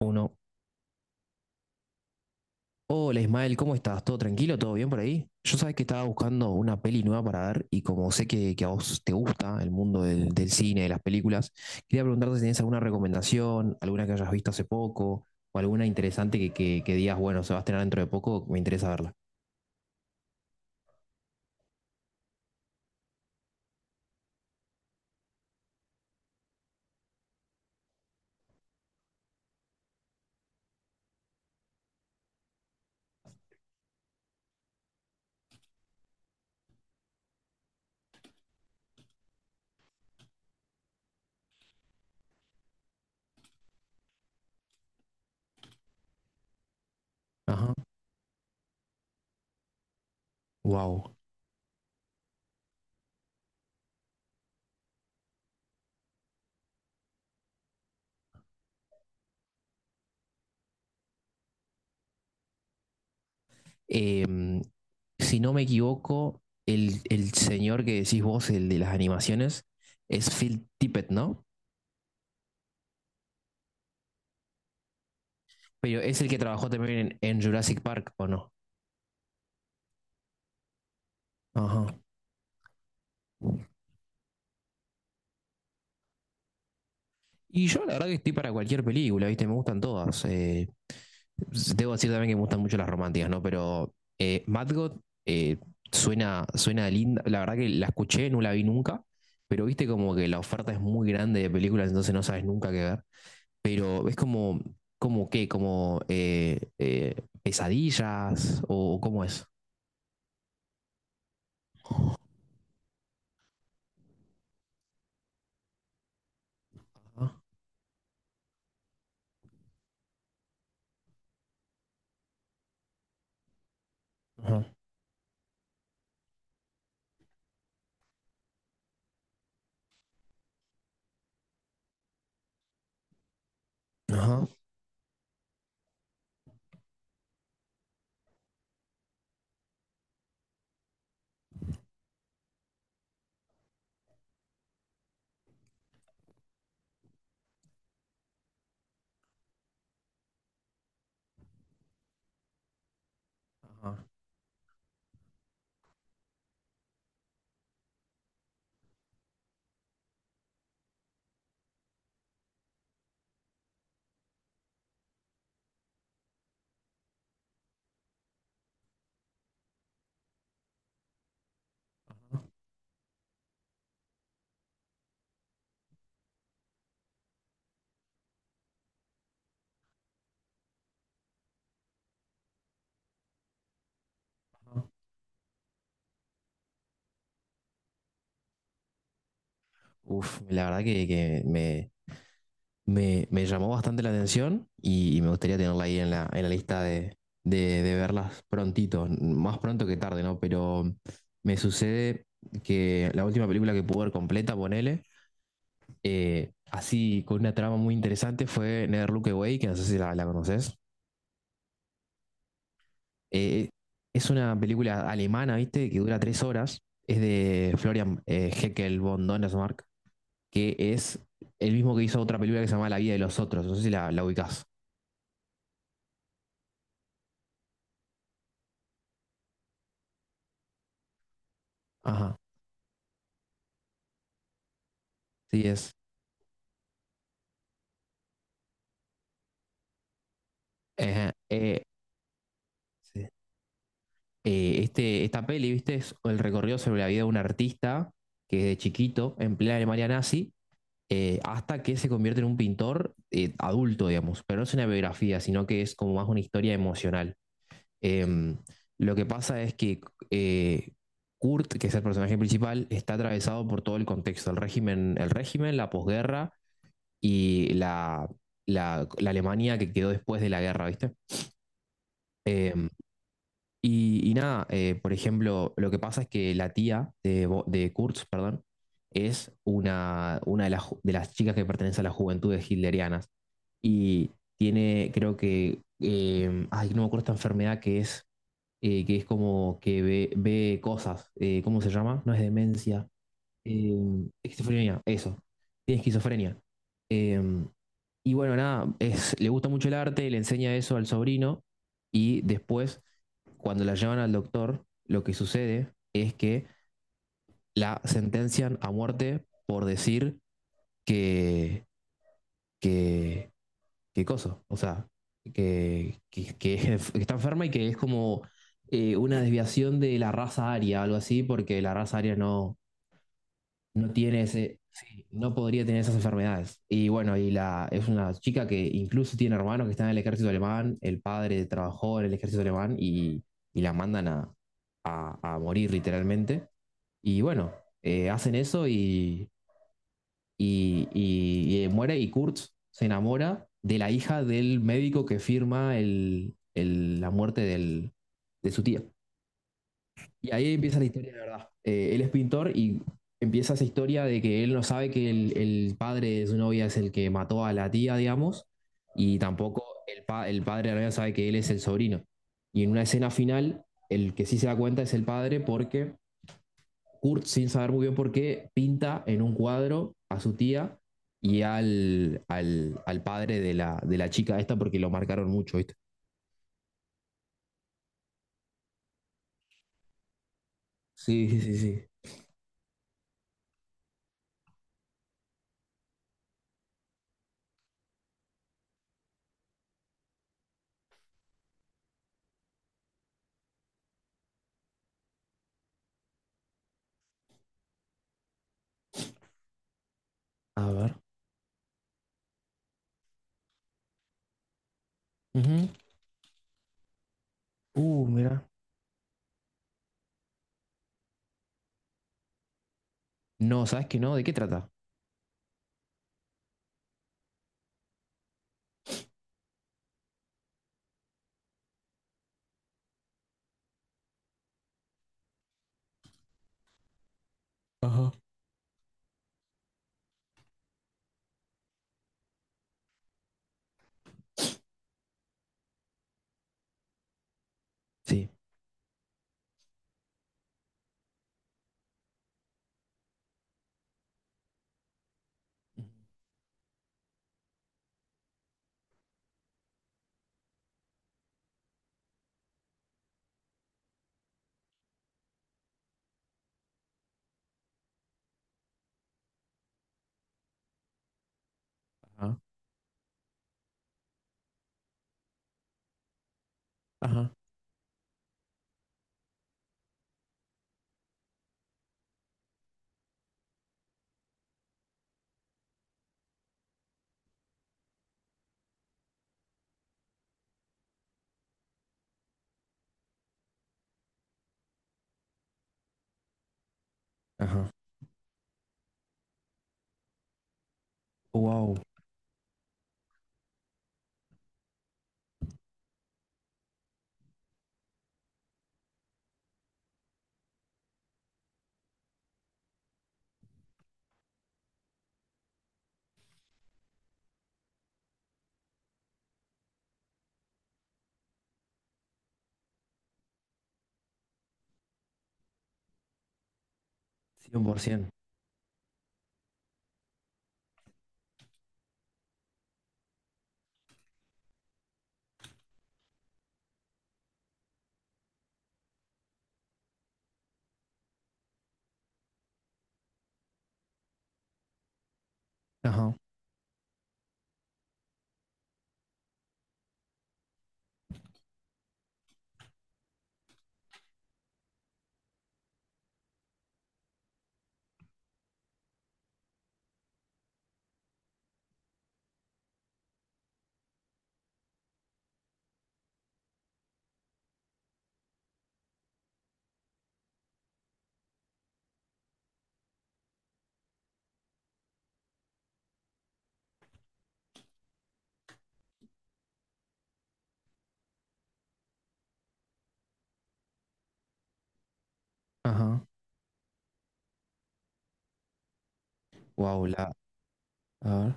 Uno. Hola Ismael, ¿cómo estás? ¿Todo tranquilo? ¿Todo bien por ahí? Yo sabes que estaba buscando una peli nueva para ver y como sé que a vos te gusta el mundo del cine, de las películas, quería preguntarte si tenés alguna recomendación, alguna que hayas visto hace poco o alguna interesante que digas, bueno, se va a estrenar dentro de poco, me interesa verla. Ajá. Wow. Si no me equivoco, el señor que decís vos, el de las animaciones, es Phil Tippett, ¿no? Pero es el que trabajó también en Jurassic Park, ¿o no? Ajá. Y yo la verdad que estoy para cualquier película, ¿viste? Me gustan todas. Debo decir también que me gustan mucho las románticas, ¿no? Pero Mad God eh, suena linda. La verdad que la escuché, no la vi nunca, pero viste como que la oferta es muy grande de películas, entonces no sabes nunca qué ver. Pero es como, como qué, como pesadillas o cómo es. Ajá, ajá, ajá. Uf, la verdad que me llamó bastante la atención y me gustaría tenerla ahí en la lista de verlas prontito, más pronto que tarde, ¿no? Pero me sucede que la última película que pude ver completa, ponele, así con una trama muy interesante fue Never Look Away, que no sé si la conoces. Eh, es una película alemana, ¿viste? Que dura 3 horas. Es de Florian Heckel von Donnersmarck, que es el mismo que hizo otra película que se llama La vida de los otros. No sé si la ubicás. Ajá. Sí, es. Ajá. Sí. Este, esta peli, ¿viste? Es el recorrido sobre la vida de un artista que de chiquito, en plena Alemania nazi, hasta que se convierte en un pintor adulto, digamos. Pero no es una biografía, sino que es como más una historia emocional. Em, lo que pasa es que eh, Kurt, que es el personaje principal, está atravesado por todo el contexto, el régimen, la posguerra y la Alemania que quedó después de la guerra, ¿viste? Em, y nada, por ejemplo, lo que pasa es que la tía de Kurtz, perdón, es una de las chicas que pertenece a las juventudes hitlerianas y tiene, creo que, ay, no me acuerdo esta enfermedad que es como que ve cosas, ¿cómo se llama? No es demencia, eh, esquizofrenia, eso. Tiene esquizofrenia. Eh, y bueno, nada, es, le gusta mucho el arte, le enseña eso al sobrino y después, cuando la llevan al doctor, lo que sucede es que la sentencian a muerte por decir que, que, que coso, o sea, que que está enferma y que es como una desviación de la raza aria, algo así, porque la raza aria no, no tiene ese, sí, no podría tener esas enfermedades. Y bueno, y la, es una chica que incluso tiene hermanos que están en el ejército alemán, el padre trabajó en el ejército alemán y la mandan a morir literalmente. Y bueno, hacen eso y muere y Kurt se enamora de la hija del médico que firma la muerte de su tía. Y ahí empieza la historia de verdad. Él es pintor y empieza esa historia de que él no sabe que el padre de su novia es el que mató a la tía, digamos, y tampoco el padre de la novia sabe que él es el sobrino. Y en una escena final, el que sí se da cuenta es el padre porque Kurt, sin saber muy bien por qué, pinta en un cuadro a su tía y al padre de la chica esta porque lo marcaron mucho, ¿viste? Sí, sí, sí, sí. A ver. Ujú. Mira. No, ¿sabes qué no? ¿De qué trata? Ajá. Sí. Ajá. Ajá. Ajá. Wow. 100%. Ajá. Ajá. Wow. A ver.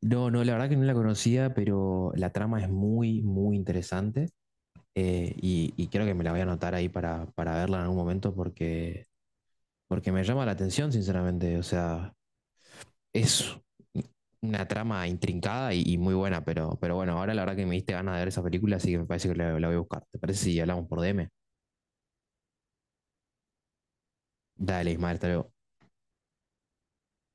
No, no, la verdad que no la conocía, pero la trama es muy, muy interesante. Y creo que me la voy a anotar ahí para verla en algún momento porque me llama la atención, sinceramente. O sea, es una trama intrincada y muy buena, pero bueno, ahora la verdad que me diste ganas de ver esa película, así que me parece que la voy a buscar. ¿Te parece si hablamos por DM? Dale, Ismael, hasta luego.